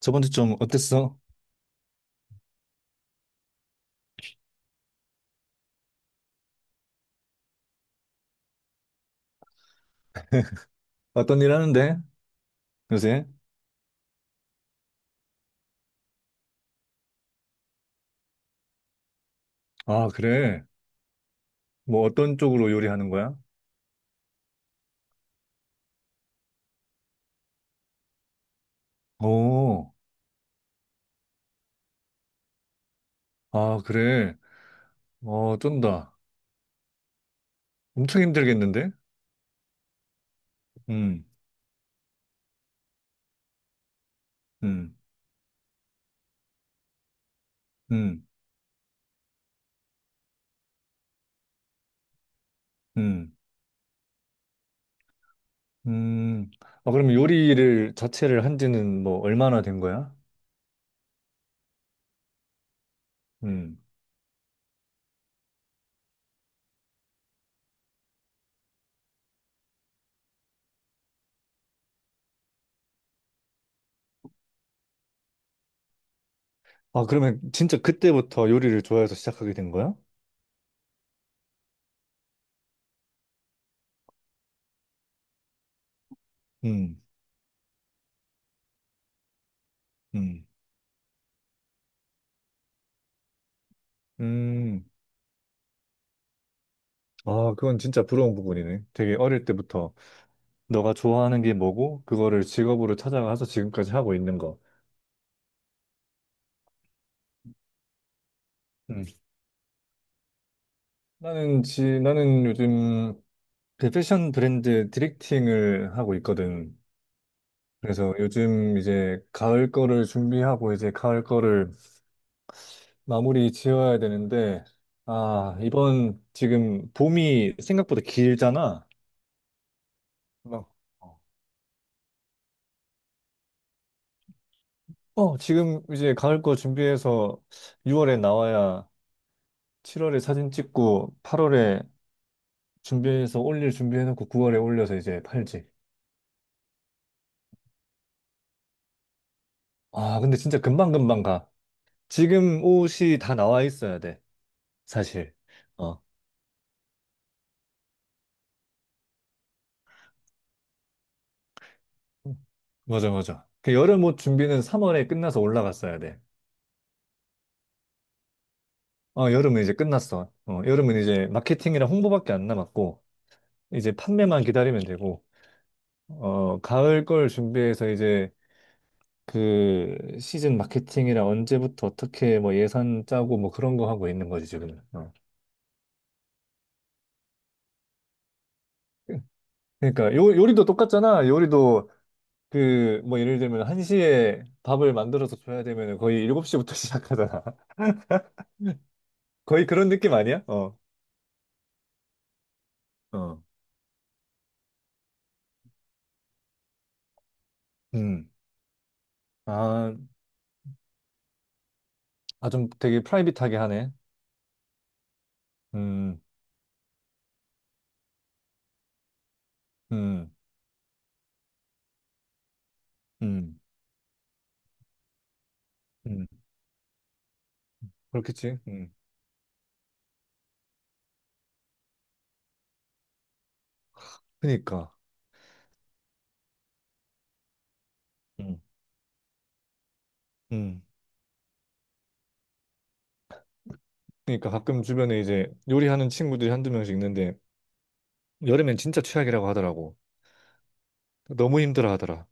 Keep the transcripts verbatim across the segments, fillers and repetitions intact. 저번 주 좀 어땠어? 어떤 일 하는데? 요새? 아, 그래. 뭐 어떤 쪽으로 요리하는 거야? 오, 아, 그래. 어, 쩐다. 엄청 힘들겠는데? 음, 음, 음, 음, 음. 아, 그럼 요리를 자체를 한 지는 뭐 얼마나 된 거야? 음. 아, 그러면 진짜 그때부터 요리를 좋아해서 시작하게 된 거야? 음, 음, 음. 아, 그건 진짜 부러운 부분이네. 되게 어릴 때부터 너가 좋아하는 게 뭐고 그거를 직업으로 찾아가서 지금까지 하고 있는 거. 음. 나는 지 나는 요즘 그 패션 브랜드 디렉팅을 하고 있거든. 그래서 요즘 이제 가을 거를 준비하고 이제 가을 거를 마무리 지어야 되는데 아, 이번 지금 봄이 생각보다 길잖아. 막 어, 지금 이제 가을 거 준비해서 유월에 나와야 칠월에 사진 찍고 팔월에 준비해서 올릴 준비해놓고 구월에 올려서 이제 팔지. 아, 근데 진짜 금방금방 가. 지금 옷이 다 나와 있어야 돼, 사실. 어. 맞아, 맞아. 그 여름 옷 준비는 삼월에 끝나서 올라갔어야 돼. 어, 여름은 이제 끝났어. 어, 여름은 이제 마케팅이랑 홍보밖에 안 남았고, 이제 판매만 기다리면 되고, 어, 가을 걸 준비해서 이제 그 시즌 마케팅이랑 언제부터 어떻게 뭐 예산 짜고 뭐 그런 거 하고 있는 거지, 지금은. 어. 그러니까 요, 요리도 똑같잖아. 요리도 그, 뭐, 예를 들면, 한 시에 밥을 만들어서 줘야 되면 거의 일곱 시부터 시작하잖아. 거의 그런 느낌 아니야? 어, 어. 음. 아, 아, 좀 되게 프라이빗하게 하네. 음, 음, 음, 음. 그렇겠지. 음. 그니까. 음, 음. 그니까 가끔 주변에 이제 요리하는 친구들이 한두 명씩 있는데, 여름엔 진짜 최악이라고 하더라고. 너무 힘들어 하더라.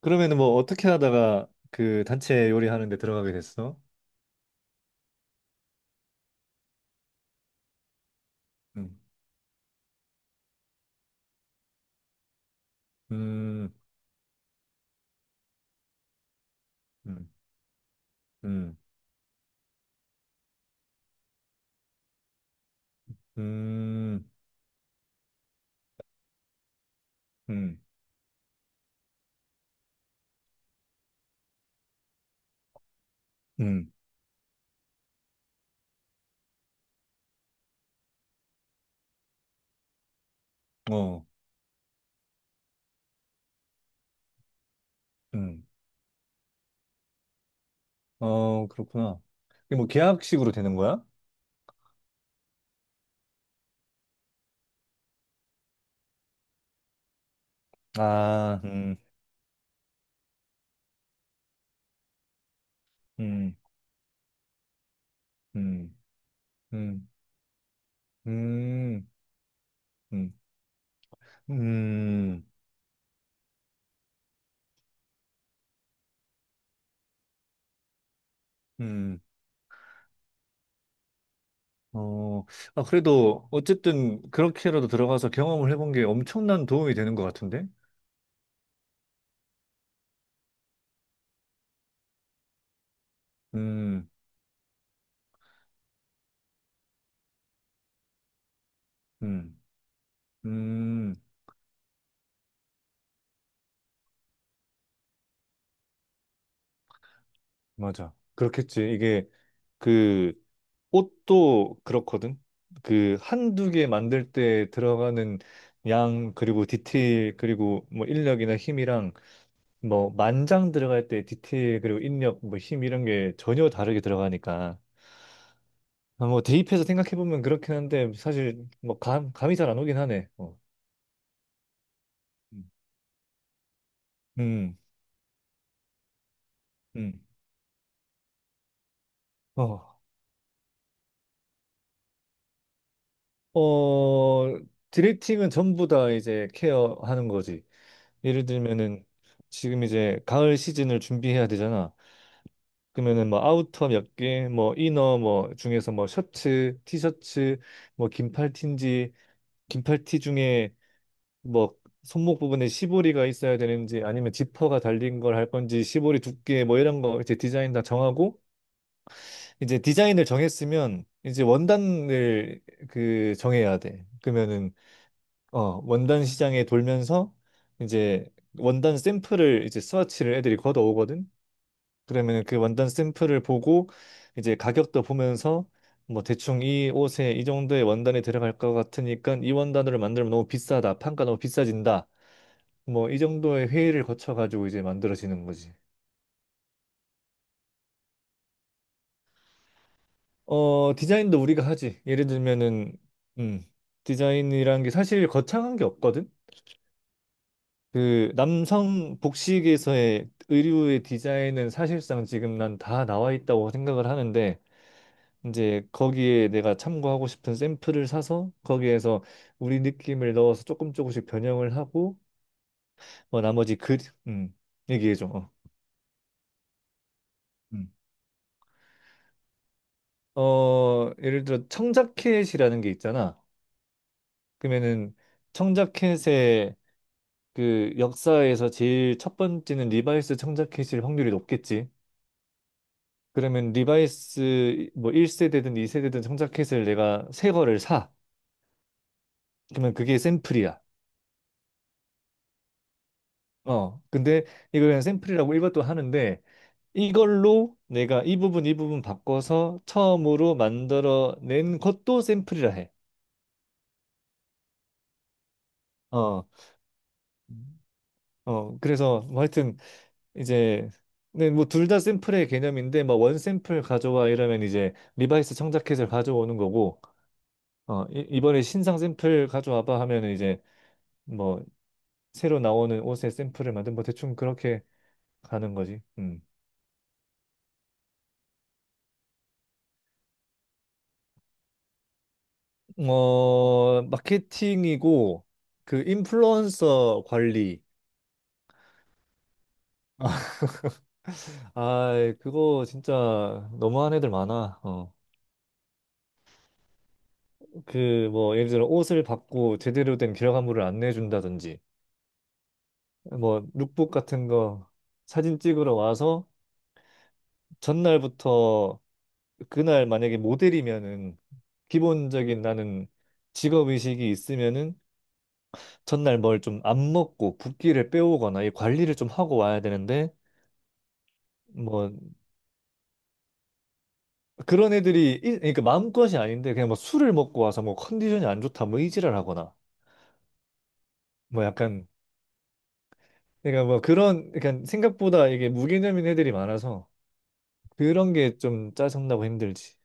그러면은 뭐, 어떻게 하다가 그 단체 요리하는 데 들어가게 됐어? 음, 음, 음. 음. 음, 음, 음, 어, 음, 어, 그렇구나. 이게 뭐 계약식으로 되는 거야? 아, 음, 음, 음, 음, 음, 음, 음, 음, 어, 아, 그래도 어쨌든 그렇게라도 들어가서 경험을 해본 게 엄청난 도움이 되는 것 같은데? 음, 음, 음, 맞아. 그렇겠지. 이게 그 옷도 그렇거든. 그 한두 개 만들 때 들어가는 양 그리고 디테일 그리고 뭐 인력이나 힘이랑 뭐 만장 들어갈 때 디테일 그리고 인력 뭐 힘 이런 게 전혀 다르게 들어가니까 아, 뭐 대입해서 생각해 보면 그렇긴 한데 사실 뭐 감, 감이 잘 안 오긴 하네. 어. 음. 음. 음. 어. 어, 디렉팅은 전부 다 이제 케어하는 거지. 예를 들면은 지금 이제 가을 시즌을 준비해야 되잖아. 그러면은 뭐 아우터 몇 개, 뭐 이너 뭐 중에서 뭐 셔츠, 티셔츠, 뭐 긴팔 티인지 긴팔 티 중에 뭐 손목 부분에 시보리가 있어야 되는지 아니면 지퍼가 달린 걸 할 건지 시보리 두께 뭐 이런 거 이제 디자인 다 정하고 이제 디자인을 정했으면 이제 원단을 그 정해야 돼. 그러면은 어, 원단 시장에 돌면서 이제 원단 샘플을 이제 스와치를 애들이 걷어오거든. 그러면 그 원단 샘플을 보고 이제 가격도 보면서 뭐 대충 이 옷에 이 정도의 원단이 들어갈 것 같으니까 이 원단으로 만들면 너무 비싸다. 판가 너무 비싸진다. 뭐 이 정도의 회의를 거쳐 가지고 이제 만들어지는 거지. 어, 디자인도 우리가 하지. 예를 들면은 음. 디자인이라는 게 사실 거창한 게 없거든. 그 남성 복식에서의 의류의 디자인은 사실상 지금 난 다 나와 있다고 생각을 하는데 이제 거기에 내가 참고하고 싶은 샘플을 사서 거기에서 우리 느낌을 넣어서 조금 조금씩 변형을 하고 어, 나머지 그 음, 얘기해줘. 어. 음. 어, 예를 들어 청자켓이라는 게 있잖아. 그러면은 청자켓의 그 역사에서 제일 첫 번째는 리바이스 청자켓일 확률이 높겠지. 그러면 리바이스 뭐 일 세대든 이 세대든 청자켓을 내가 새 거를 사. 그러면 그게 샘플이야. 어. 근데 이걸 그냥 샘플이라고 일반도 하는데 이걸로 내가 이 부분 이 부분 바꿔서 처음으로 만들어낸 것도 샘플이라 해. 어, 음. 어, 그래서 뭐 하여튼 이제 네, 뭐 둘 다 샘플의 개념인데 뭐 원 샘플 가져와 이러면 이제 리바이스 청자켓을 가져오는 거고 어, 이, 이번에 신상 샘플 가져와봐 하면 은 이제 뭐 새로 나오는 옷의 샘플을 만든 뭐 대충 그렇게 가는 거지. 음. 어, 마케팅이고 그 인플루언서 관리. 아, 그거 진짜 너무한 애들 많아. 어. 그 뭐 예를 들어 옷을 받고 제대로 된 결과물을 안 내준다든지, 뭐 룩북 같은 거 사진 찍으러 와서 전날부터 그날 만약에 모델이면은 기본적인 나는 직업 의식이 있으면은 전날 뭘 좀 안 먹고 붓기를 빼오거나 이 관리를 좀 하고 와야 되는데 뭐 그런 애들이 일- 그러니까 마음것이 아닌데 그냥 뭐 술을 먹고 와서 뭐 컨디션이 안 좋다 뭐 이지랄 하거나 뭐 약간 그러니까 뭐 그런 그러니까 생각보다 이게 무개념인 애들이 많아서 그런 게 좀 짜증나고 힘들지.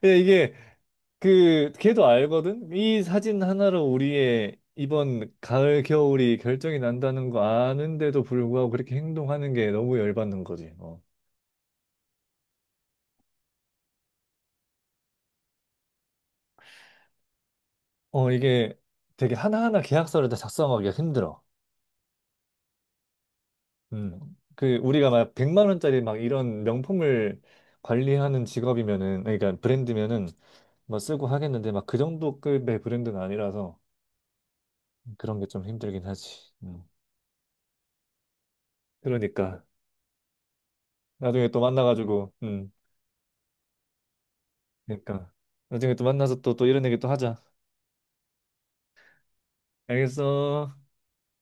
근데 이게 그 걔도 알거든. 이 사진 하나로 우리의 이번 가을 겨울이 결정이 난다는 거 아는데도 불구하고 그렇게 행동하는 게 너무 열받는 거지. 어, 어, 이게 되게 하나하나 계약서를 다 작성하기가 힘들어. 음. 그 우리가 막 백만 원짜리 막 이런 명품을 관리하는 직업이면은 그러니까 브랜드면은 뭐 쓰고 하겠는데 막 그 정도 급의 브랜드는 아니라서 그런 게 좀 힘들긴 하지. 음. 그러니까 나중에 또 만나가지고, 음, 그러니까 나중에 또 만나서 또 또 이런 얘기 또 하자. 알겠어.